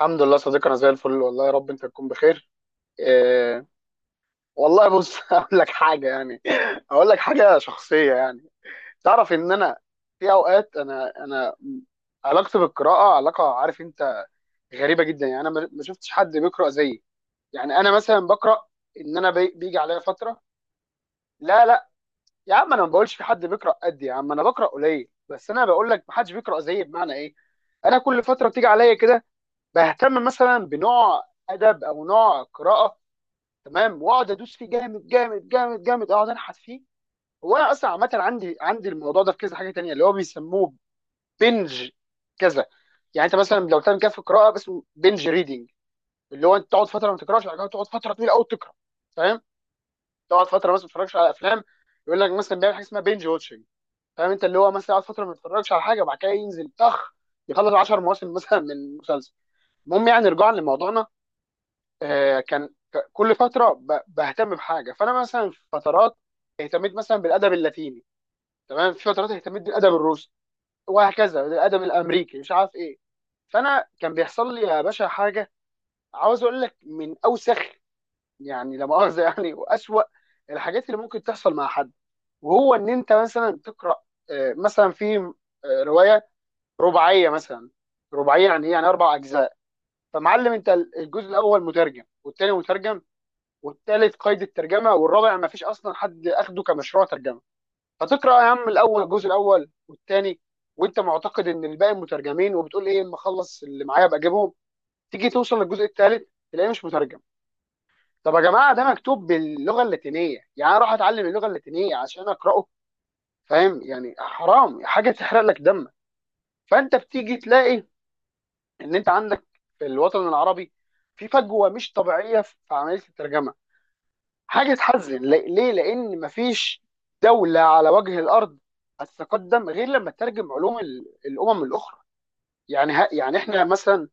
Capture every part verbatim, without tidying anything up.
الحمد لله صديقي، انا زي الفل. والله يا رب انت تكون بخير. إيه. والله بص اقول لك حاجه يعني. اقول لك حاجه شخصيه يعني. تعرف ان انا في اوقات انا انا علاقتي بالقراءه علاقه، عارف انت، غريبه جدا. يعني انا ما ما شفتش حد بيقرا زيي. يعني انا مثلا بقرا، ان انا بي- بيجي عليا فتره. لا لا، يا عم انا ما بقولش في حد بيقرا قدي. يا عم انا بقرا قليل، بس انا بقول لك ما حدش بيقرا زيي. بمعنى ايه؟ انا كل فتره بتيجي عليا كده بهتم مثلا بنوع ادب او نوع قراءه. تمام، واقعد ادوس فيه جامد جامد جامد جامد، اقعد انحت فيه. هو انا اصلا عامه عندي عندي الموضوع ده في كذا حاجه تانية، اللي هو بيسموه بنج كذا. يعني انت مثلا لو تعمل كده في القراءه بس، بنج ريدنج. اللي هو انت تقعد فتره ما تقراش، بعد كده تقعد فتره طويله قوي تقرا. فاهم. تقعد فتره مثلا ما تتفرجش على افلام. يقول لك مثلا بيعمل حاجه اسمها بنج واتشنج. فاهم انت، اللي هو مثلا يقعد فتره ما يتفرجش على حاجه، وبعد كده ينزل طخ، يخلص 10 مواسم مثلا من مسلسل. المهم يعني رجوعا لموضوعنا، آه، كان ك- كل فتره ب- بهتم بحاجه. فانا مثلا في فترات اهتميت مثلا بالادب اللاتيني، تمام. في فترات اهتميت بالادب الروسي، وهكذا بالادب الامريكي مش عارف ايه. فانا كان بيحصل لي يا باشا حاجه، عاوز اقول لك من اوسخ، يعني لا مؤاخذه، يعني واسوأ الحاجات اللي ممكن تحصل مع حد. وهو ان انت مثلا تقرا آه، مثلا في آه، روايه رباعيه مثلا. رباعيه يعني ايه؟ يعني اربع اجزاء. فمعلم انت، الجزء الاول مترجم والثاني مترجم والثالث قيد الترجمه والرابع ما فيش اصلا حد اخده كمشروع ترجمه. فتقرا يا عم الاول الجزء الاول والثاني وانت معتقد ان الباقي مترجمين، وبتقول ايه اما اخلص اللي معايا ابقى اجيبهم. تيجي توصل للجزء الثالث تلاقيه مش مترجم. طب يا جماعه، ده مكتوب باللغه اللاتينيه، يعني أنا اروح اتعلم اللغه اللاتينيه عشان اقراه؟ فاهم يعني، حرام حاجه تحرق لك دمك. فانت بتيجي تلاقي ان انت عندك في الوطن العربي في فجوه مش طبيعيه في عمليه الترجمه. حاجه تحزن، ل- ليه؟ لان مفيش دوله على وجه الارض هتتقدم غير لما تترجم علوم ال- الامم الاخرى. يعني ها، يعني احنا مثلا.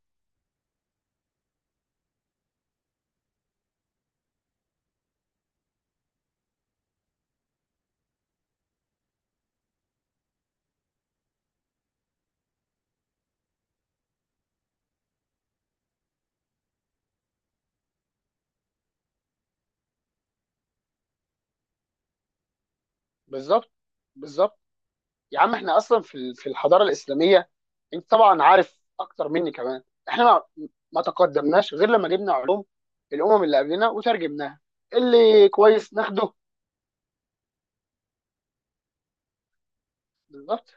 بالظبط بالظبط. يا عم احنا اصلا في ال- في الحضاره الاسلاميه، انت طبعا عارف اكتر مني كمان، احنا ما ما تقدمناش غير لما جبنا علوم الامم اللي قبلنا وترجمناها. اللي كويس ناخده. بالظبط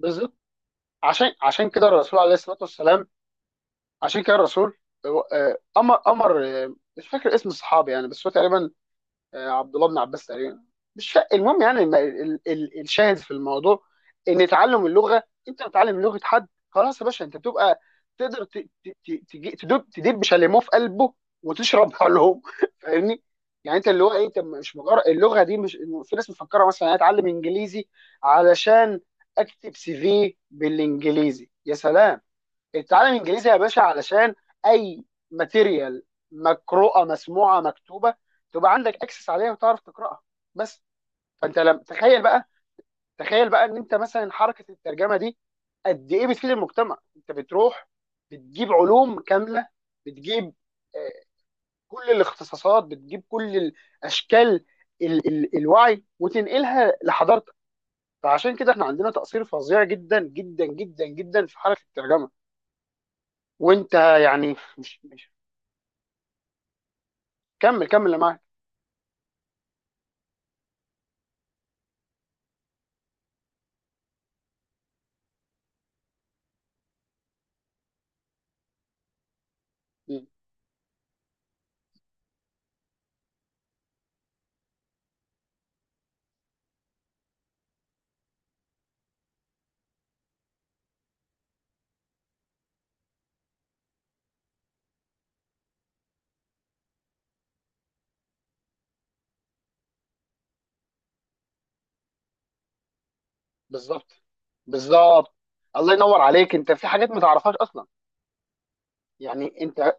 بالظبط. عشان عشان كده الرسول عليه الصلاه والسلام، عشان كده الرسول آه، امر امر آه، مش فاكر اسم الصحابي يعني، بس هو تقريبا آه، عبد الله بن عباس تقريبا، مش فا- المهم يعني، الم- ال- ال- الشاهد في الموضوع ان تعلم اللغه، انت بتتعلم لغه حد، خلاص يا باشا انت بتبقى تقدر ت- ت- ت- تجي- تدب تدب شاليمو في قلبه، وتشرب علوم فاهمني. يعني انت اللي هو ايه، انت مش مجرد اللغه دي مش، في ناس مفكره مثلا انا اتعلم انجليزي علشان اكتب سي في بالانجليزي. يا سلام. اتعلم انجليزي يا باشا علشان اي ماتيريال مقروءه مسموعه مكتوبه تبقى عندك اكسس عليها وتعرف تقراها بس. فانت لم تخيل بقى، تخيل بقى ان انت مثلا حركه الترجمه دي قد ايه بتفيد المجتمع. انت بتروح بتجيب علوم كامله، بتجيب آه، كل الاختصاصات، بتجيب كل الاشكال ال ال الوعي وتنقلها لحضارتك. فعشان كده احنا عندنا تقصير فظيع جدا جدا جدا جدا في حركه الترجمه. وانت يعني مش مش كمل كمل اللي معاك. مم. بالظبط بالظبط. الله ينور عليك، انت في حاجات ما تعرفهاش اصلا، يعني انت.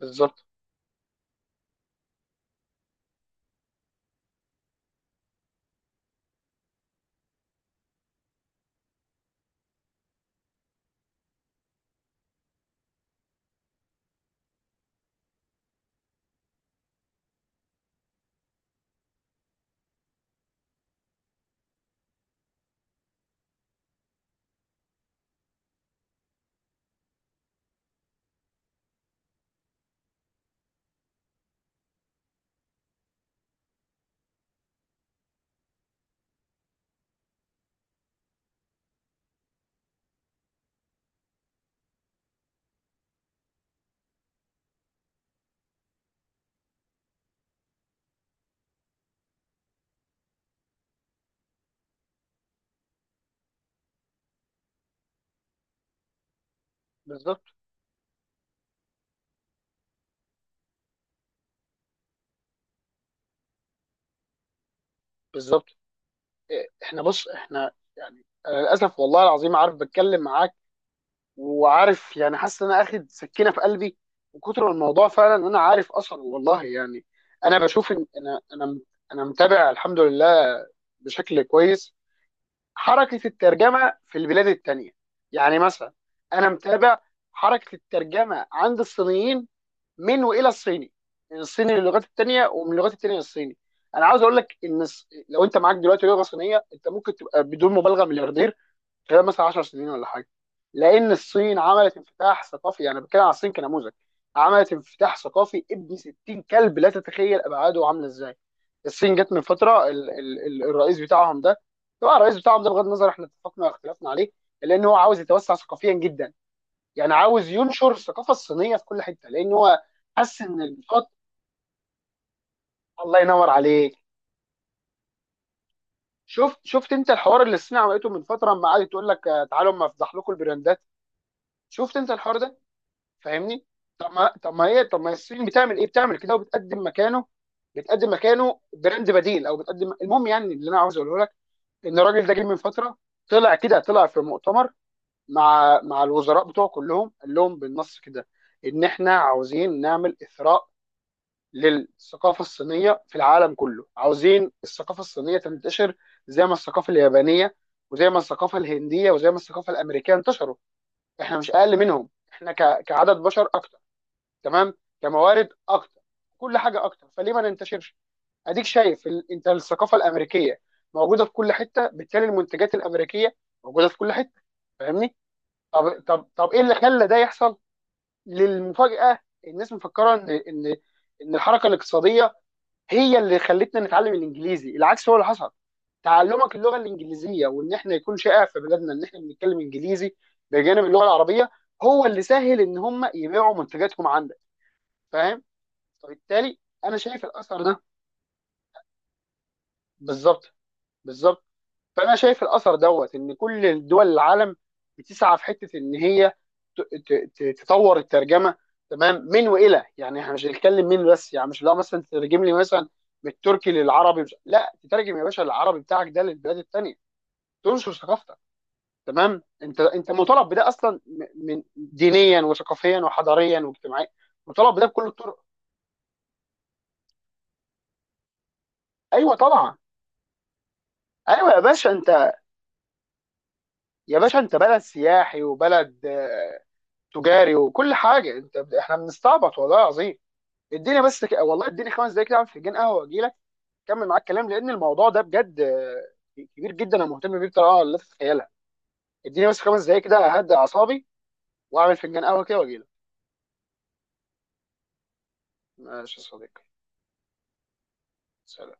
بالظبط بالظبط بالظبط. إيه، احنا بص احنا، يعني انا للاسف والله العظيم، عارف بتكلم معاك، وعارف يعني حاسس ان انا اخد سكينه في قلبي، وكتر ما الموضوع فعلا إن انا عارف اصلا والله يعني، انا بشوف ان انا انا انا متابع الحمد لله بشكل كويس حركة الترجمة في البلاد التانية. يعني مثلا أنا متابع حركة الترجمة عند الصينيين، من وإلى الصيني، من الصيني للغات التانية ومن اللغات التانية للصيني. أنا عاوز أقول لك إن الص- لو أنت معاك دلوقتي لغة صينية، أنت ممكن تبقى بدون مبالغة ملياردير خلال مثلا 10 سنين ولا حاجه. لان الصين عملت انفتاح ثقافي، يعني بتكلم على الصين كنموذج، عملت انفتاح ثقافي ابن ستين كلب لا تتخيل ابعاده عامله ازاي. الصين جت من فتره ال ال ال الرئيس بتاعهم ده، طبعا الرئيس بتاعهم ده بغض النظر احنا اتفقنا واختلفنا عليه، لان هو عاوز يتوسع ثقافيا جدا. يعني عاوز ينشر الثقافه الصينيه في كل حته، لان هو حس ان الفتره. الله ينور عليك. شفت شفت انت الحوار اللي الصين عملته من فتره، لما قعدت تقول لك آه، تعالوا اما افضح لكم البراندات. شفت انت الحوار ده؟ فاهمني. طب ما طب ما هي طب ما الصين بتعمل ايه؟ بتعمل كده وبتقدم مكانه. بتقدم مكانه براند بديل او بتقدم، المهم يعني اللي انا عاوز اقوله لك ان الراجل ده جه من فتره، طلع كده طلع في مؤتمر مع مع الوزراء بتوعه كلهم قال لهم بالنص كده ان احنا عاوزين نعمل اثراء للثقافه الصينيه في العالم كله. عاوزين الثقافه الصينيه تنتشر زي ما الثقافه اليابانيه وزي ما الثقافه الهنديه وزي ما الثقافه الامريكيه انتشروا. احنا مش اقل منهم، احنا ك- كعدد بشر اكتر، تمام، كموارد اكتر، كل حاجه اكتر، فليه ما ننتشرش. اديك شايف ال... انت الثقافه الامريكيه موجوده في كل حته، بالتالي المنتجات الامريكيه موجوده في كل حته. فاهمني. طب طب طب ايه اللي خلى ده يحصل، للمفاجاه. الناس مفكره ان ان ان الحركه الاقتصاديه هي اللي خلتنا نتعلم الانجليزي. العكس هو اللي حصل، تعلمك اللغه الانجليزيه، وان احنا يكون شائع في بلادنا ان احنا بنتكلم انجليزي بجانب اللغه العربيه، هو اللي سهل ان هم يبيعوا منتجاتهم عندك. فاهم. فبالتالي انا شايف الاثر ده. بالظبط بالظبط. فانا شايف الاثر دوت ان كل دول العالم بتسعى في حته ان هي ت- ت- ت- تطور الترجمه، تمام، من والى. يعني احنا مش هنتكلم من بس، يعني مش، لا مثلا تترجم لي مثلا من التركي للعربي، مش... لا تترجم يا باشا العربي بتاعك ده للبلاد الثانيه، تنشر ثقافتك. تمام، انت انت مطالب بده اصلا، م- من دينيا وثقافيا وحضاريا واجتماعيا. مطالب بده بكل الطرق. ايوه طبعا. ايوه يا باشا انت، يا باشا انت بلد سياحي وبلد آه، تجاري وكل حاجه، انت احنا بنستعبط والله العظيم. اديني بس ك... والله اديني خمس دقايق كده اعمل فنجان قهوه واجي لك، اكمل معاك كلام، لان الموضوع ده بجد آه، كبير جدا، انا مهتم بيه بطريقه لا تتخيلها. اديني بس خمس دقايق كده اهدى اعصابي واعمل فنجان قهوه كده واجي لك. ماشي يا صديقي. سلام.